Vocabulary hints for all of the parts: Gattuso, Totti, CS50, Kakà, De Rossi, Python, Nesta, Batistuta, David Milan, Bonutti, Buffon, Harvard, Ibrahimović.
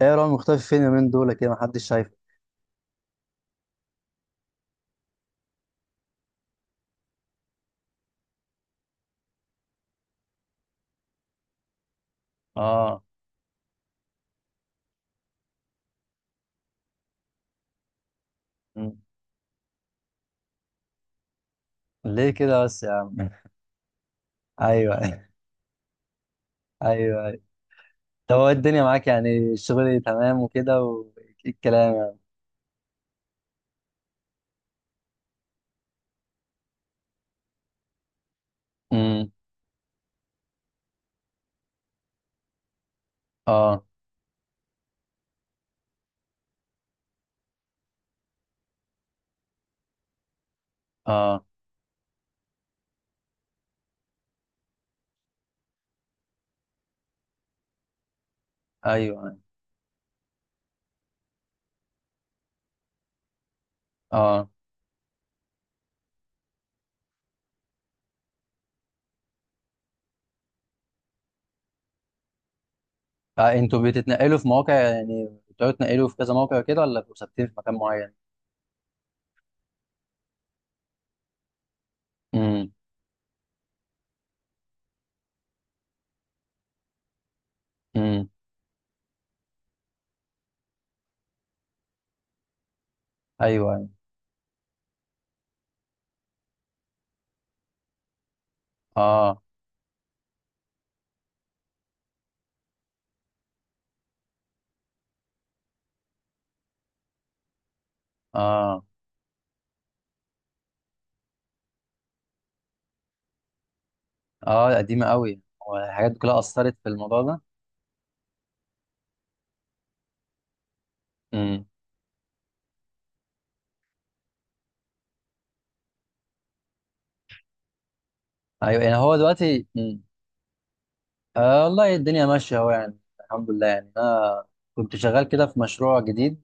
ايه يا راجل، مختفي فين اليومين دول كده؟ محدش شايفه. اه. مم. ليه كده بس يا عم؟ ايوه، ايوه. ايوه. طب هو الدنيا معاك، يعني الشغل تمام وكده، وايه الكلام يعني؟ امم. اه. اه. ايوه. اه, آه. انتوا بتتنقلوا في مواقع، يعني بتقعدوا تنقلوا في كذا موقع كده، ولا بتبقوا ثابتين في مكان معين؟ امم امم. ايوه، ايوه. اه. اه، اه قديمه قوي. والحاجات دي كلها اثرت في الموضوع ده. امم. ايوه، يعني هو دلوقتي، آه والله الدنيا ماشية أهو، يعني الحمد لله، يعني أنا كنت شغال كده في مشروع جديد.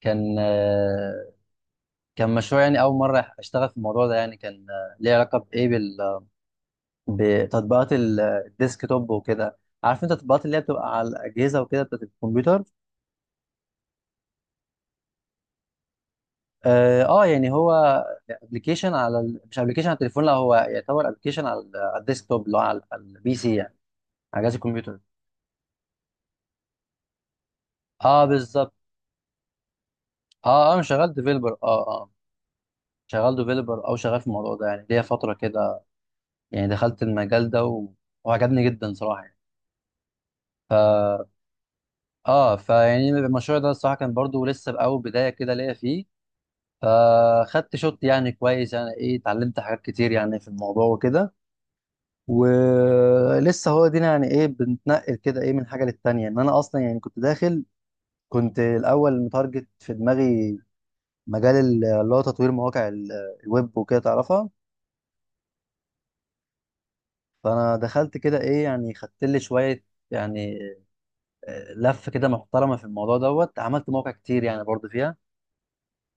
كان كان مشروع، يعني أول مرة أشتغل في الموضوع ده. يعني كان ليه علاقة بإيه، بال بتطبيقات الديسك توب وكده. عارف أنت التطبيقات اللي هي بتبقى على الأجهزة وكده، بتاعت الكمبيوتر. آه, يعني هو أبلكيشن على ال... مش أبلكيشن على التليفون، لا هو يعتبر أبلكيشن على على الديسك توب، اللي هو على البي سي يعني. على جهاز الكمبيوتر. أه بالظبط. أه أنا شغال ديفيلوبر، أه. شغال ديفيلوبر، او شغال في الموضوع ده، يعني ليا فتره كده. يعني دخلت المجال ده و... وعجبني جدا صراحه يعني. ف اه، فيعني المشروع ده الصراحه كان برضو لسه باول بدايه كده ليا فيه. فخدت شوت يعني كويس. يعني ايه، اتعلمت حاجات كتير يعني في الموضوع وكده. ولسه هو دينا، يعني ايه بنتنقل كده ايه من حاجه للتانيه. انا اصلا يعني كنت داخل، كنت الاول متارجت في دماغي مجال اللي هو تطوير مواقع الويب وكده، تعرفها. فانا دخلت كده ايه، يعني خدت لي شويه يعني لف كده محترمه في الموضوع دوت. عملت مواقع كتير يعني برضو فيها.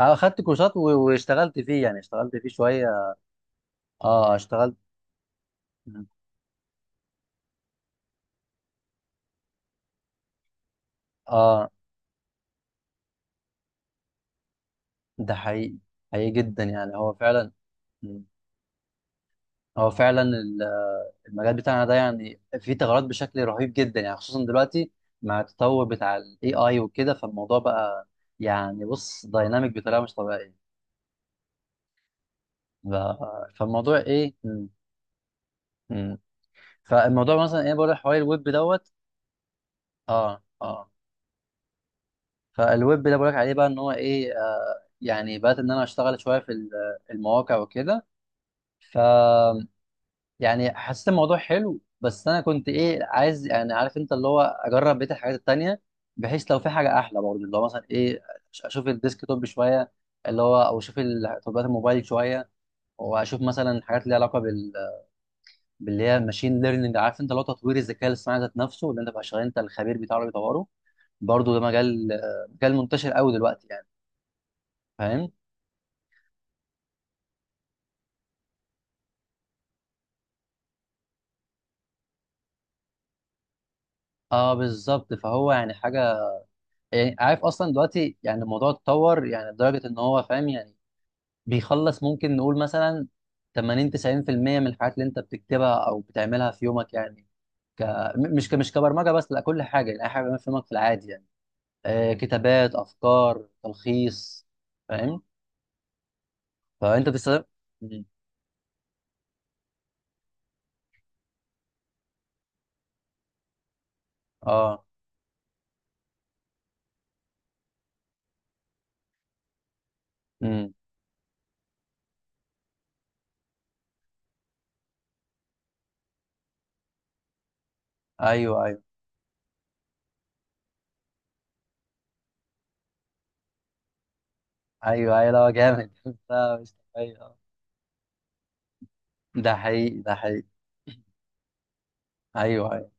اه، خدت كورسات واشتغلت فيه، يعني اشتغلت فيه شويه. اه، اشتغلت. اه، ده حقيقي. حقيقي جدا، يعني هو فعلا. هو فعلا المجال بتاعنا ده يعني فيه ثغرات بشكل رهيب جدا، يعني خصوصا دلوقتي مع التطور بتاع الاي اي وكده. فالموضوع بقى، يعني بص دايناميك بطريقه مش طبيعيه. فالموضوع ايه، فالموضوع مثلا ايه بقول لك حوالي الويب دوت. اه، اه. فالويب ده بقول لك عليه بقى ان هو ايه يعني بدات ان انا اشتغل شويه في المواقع وكده. ف يعني حسيت الموضوع حلو، بس انا كنت ايه عايز، يعني عارف انت اللي هو اجرب بقيه الحاجات التانيه، بحيث لو في حاجه احلى برضه اللي هو مثلا ايه، اشوف الديسك توب شويه، اللي هو او اشوف تطبيقات الموبايل شويه، واشوف مثلا حاجات ليها علاقه بال... باللي هي ماشين ليرنينج، عارف انت اللي هو تطوير الذكاء الاصطناعي ذات نفسه، اللي انت بقى شغال انت الخبير بتاعه اللي بيطوره. برضه ده مجال مجال منتشر قوي دلوقتي يعني. فاهم. اه بالظبط. فهو يعني حاجه، يعني عارف اصلا دلوقتي، يعني الموضوع اتطور يعني لدرجه ان هو فاهم، يعني بيخلص ممكن نقول مثلا 80 90% من الحاجات اللي انت بتكتبها او بتعملها في يومك يعني. ك... م- مش ك... مش كبرمجه بس، لا كل حاجه، يعني اي حاجه بتعملها في يومك في العادي يعني. آه، كتابات، افكار، تلخيص. فاهم. فانت بتستخدم. مم. اه. امم. ايوه، ايوه، ايوه، ايوه. لا جامد لا مش طبيعي آه. ده حقيقي، ده حقيقي. ايوه، ايوه.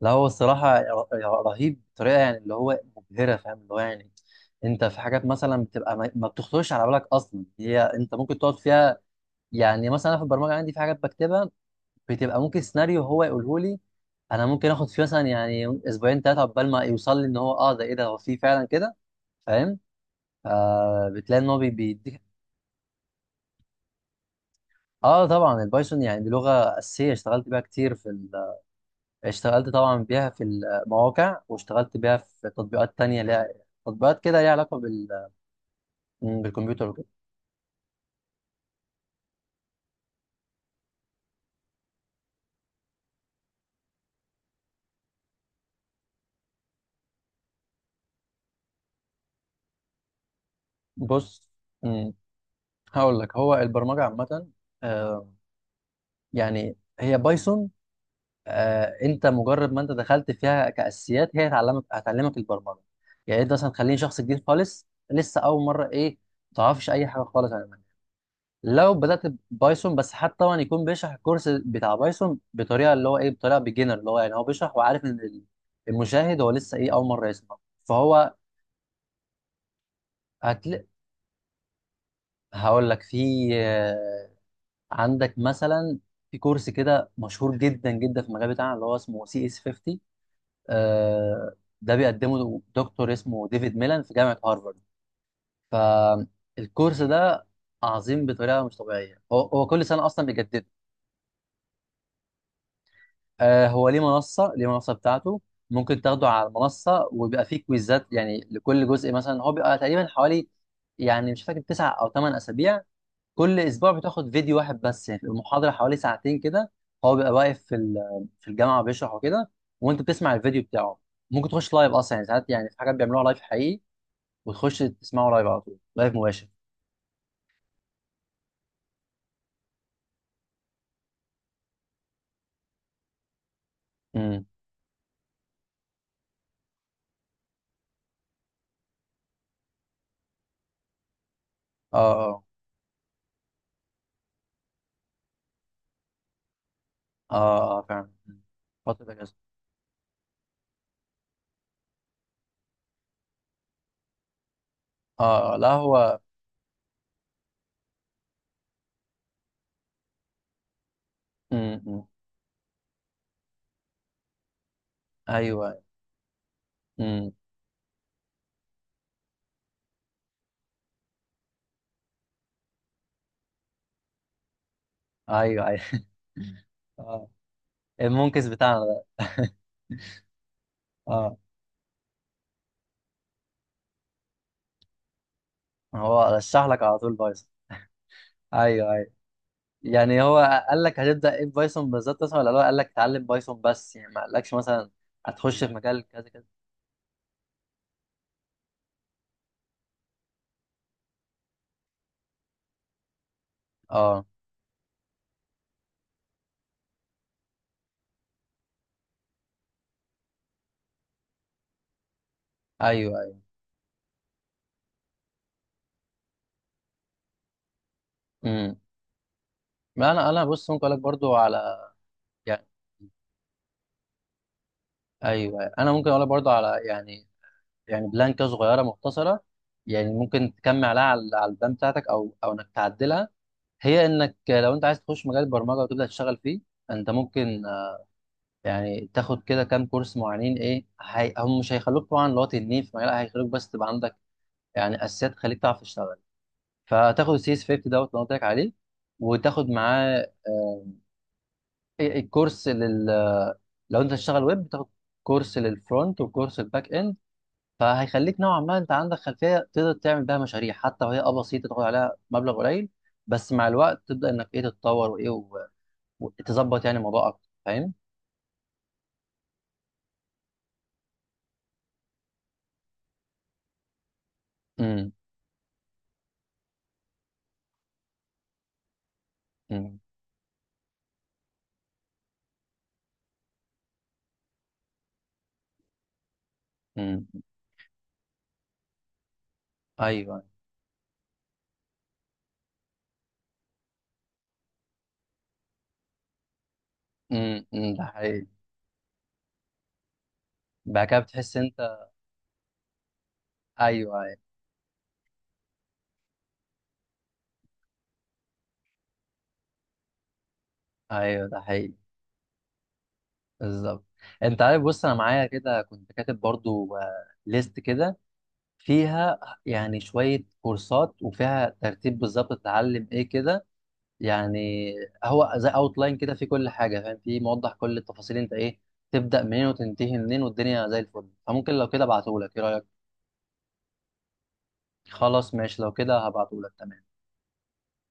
لا هو الصراحه رهيب بطريقه يعني اللي هو مبهره، فاهم اللي هو يعني. انت في حاجات مثلا بتبقى ما بتخطرش على بالك اصلا، هي انت ممكن تقعد فيها. يعني مثلا أنا في البرمجه عندي في حاجات بكتبها، بتبقى ممكن سيناريو هو يقوله لي. انا ممكن اخد فيه مثلا يعني اسبوعين ثلاثه عقبال ما يوصل لي ان هو اه ده ايه ده هو فيه فعلا كده. فاهم. آه، بتلاقي ان هو بيديك. اه طبعا البايثون، يعني دي لغه اساسيه اشتغلت بيها كتير في، اشتغلت طبعا بيها في المواقع، واشتغلت بيها في تطبيقات تانية ليها، تطبيقات كده ليها علاقة بال... مم، بالكمبيوتر وكده. بص، مم، هقول لك هو البرمجة عامة آه، يعني هي بايثون انت مجرد ما انت دخلت فيها كأساسيات هي هتعلمك البرمجة. يعني انت مثلا تخليني شخص جديد خالص لسه اول مرة ايه، ما تعرفش اي حاجة خالص عن، لو بدأت بايثون بس، حتى طبعا يكون بيشرح الكورس بتاع بايثون بطريقه اللي هو ايه، بطريقه بيجنر، اللي هو يعني هو بيشرح وعارف ان المشاهد هو لسه ايه اول مره يسمع. فهو هتل... هقول لك، في عندك مثلا، في كورس كده مشهور جدا جدا في المجال بتاعنا اللي هو اسمه سي اس 50 آه، ده بيقدمه دكتور اسمه ديفيد ميلان في جامعه هارفارد. فالكورس ده عظيم بطريقه مش طبيعيه، هو كل سنه اصلا بيجدده. آه، هو ليه منصة ليه منصة بتاعته. ممكن تاخده على المنصة، وبيبقى فيه كويزات يعني لكل جزء، مثلا هو بيبقى تقريبا حوالي، يعني مش فاكر، تسع أو ثمان أسابيع. كل أسبوع بتاخد فيديو واحد بس يعني، المحاضرة حوالي ساعتين كده. هو بيبقى واقف في في الجامعة بيشرح وكده، وأنت بتسمع الفيديو بتاعه. ممكن تخش لايف أصلا، يعني ساعات يعني في حاجات بيعملوها لايف حقيقي، وتخش تسمعه لايف على طول، لايف مباشر. امم. اه، اه. اه، اه فعلا. مم. فترة كده. اه لا هو. امم، أمم. ايوه. مم. ايوه، ايوه. اه، المنكس بتاعنا ده. اه. هو رشح لك على طول بايثون؟ ايوه، ايوه. يعني هو قال لك هتبدا ايه، بايثون بالظبط اصلا، ولا هو قال لك اتعلم بايثون بس، يعني ما قالكش مثلا هتخش في مجال كذا كذا؟ اه. ايوه، ايوه. امم. ما انا بص ممكن اقول لك برضو على يعني. ايوه أيوة. انا ممكن اقول لك برضو على يعني، يعني بلان كده صغيره مختصره، يعني ممكن تكمل عليها على البلان بتاعتك، او انك تعدلها. هي انك لو انت عايز تخش مجال البرمجه وتبدا تشتغل فيه، انت ممكن يعني تاخد كده كام كورس معينين. ايه هي... هم مش هيخلوك طبعا اللي هو تنين في مجال، هيخلوك بس تبقى عندك يعني اساسيات تخليك تعرف تشتغل. فتاخد السي اس 50 دوت اللي أنا قلت لك عليه، وتاخد معاه إيه- الكورس لل، لو انت تشتغل ويب، تاخد كورس للفرونت، وكورس الباك اند. فهيخليك نوعا ما انت عندك خلفيه تقدر تعمل بيها مشاريع حتى وهي اه بسيطه، تاخد عليها مبلغ قليل. بس مع الوقت تبدا انك ايه تتطور، وايه وتظبط يعني الموضوع اكتر، فاهم؟ امم امم امم. ايوه. امم، أمم، ده حقيقي. بعد كده بتحس انت، ايوه، ايوه، ايوه، ده حقيقي. بالظبط. انت عارف بص انا معايا كده كنت كاتب برضو ليست كده فيها، يعني شويه كورسات وفيها ترتيب بالظبط تتعلم ايه كده. يعني هو زي لاين كده في كل حاجه، فاهم، في موضح كل التفاصيل، انت ايه تبدا منين وتنتهي منين، والدنيا زي الفل. فممكن لو كده ابعتهولك، ايه رايك؟ خلاص ماشي، لو كده هبعتهولك. تمام.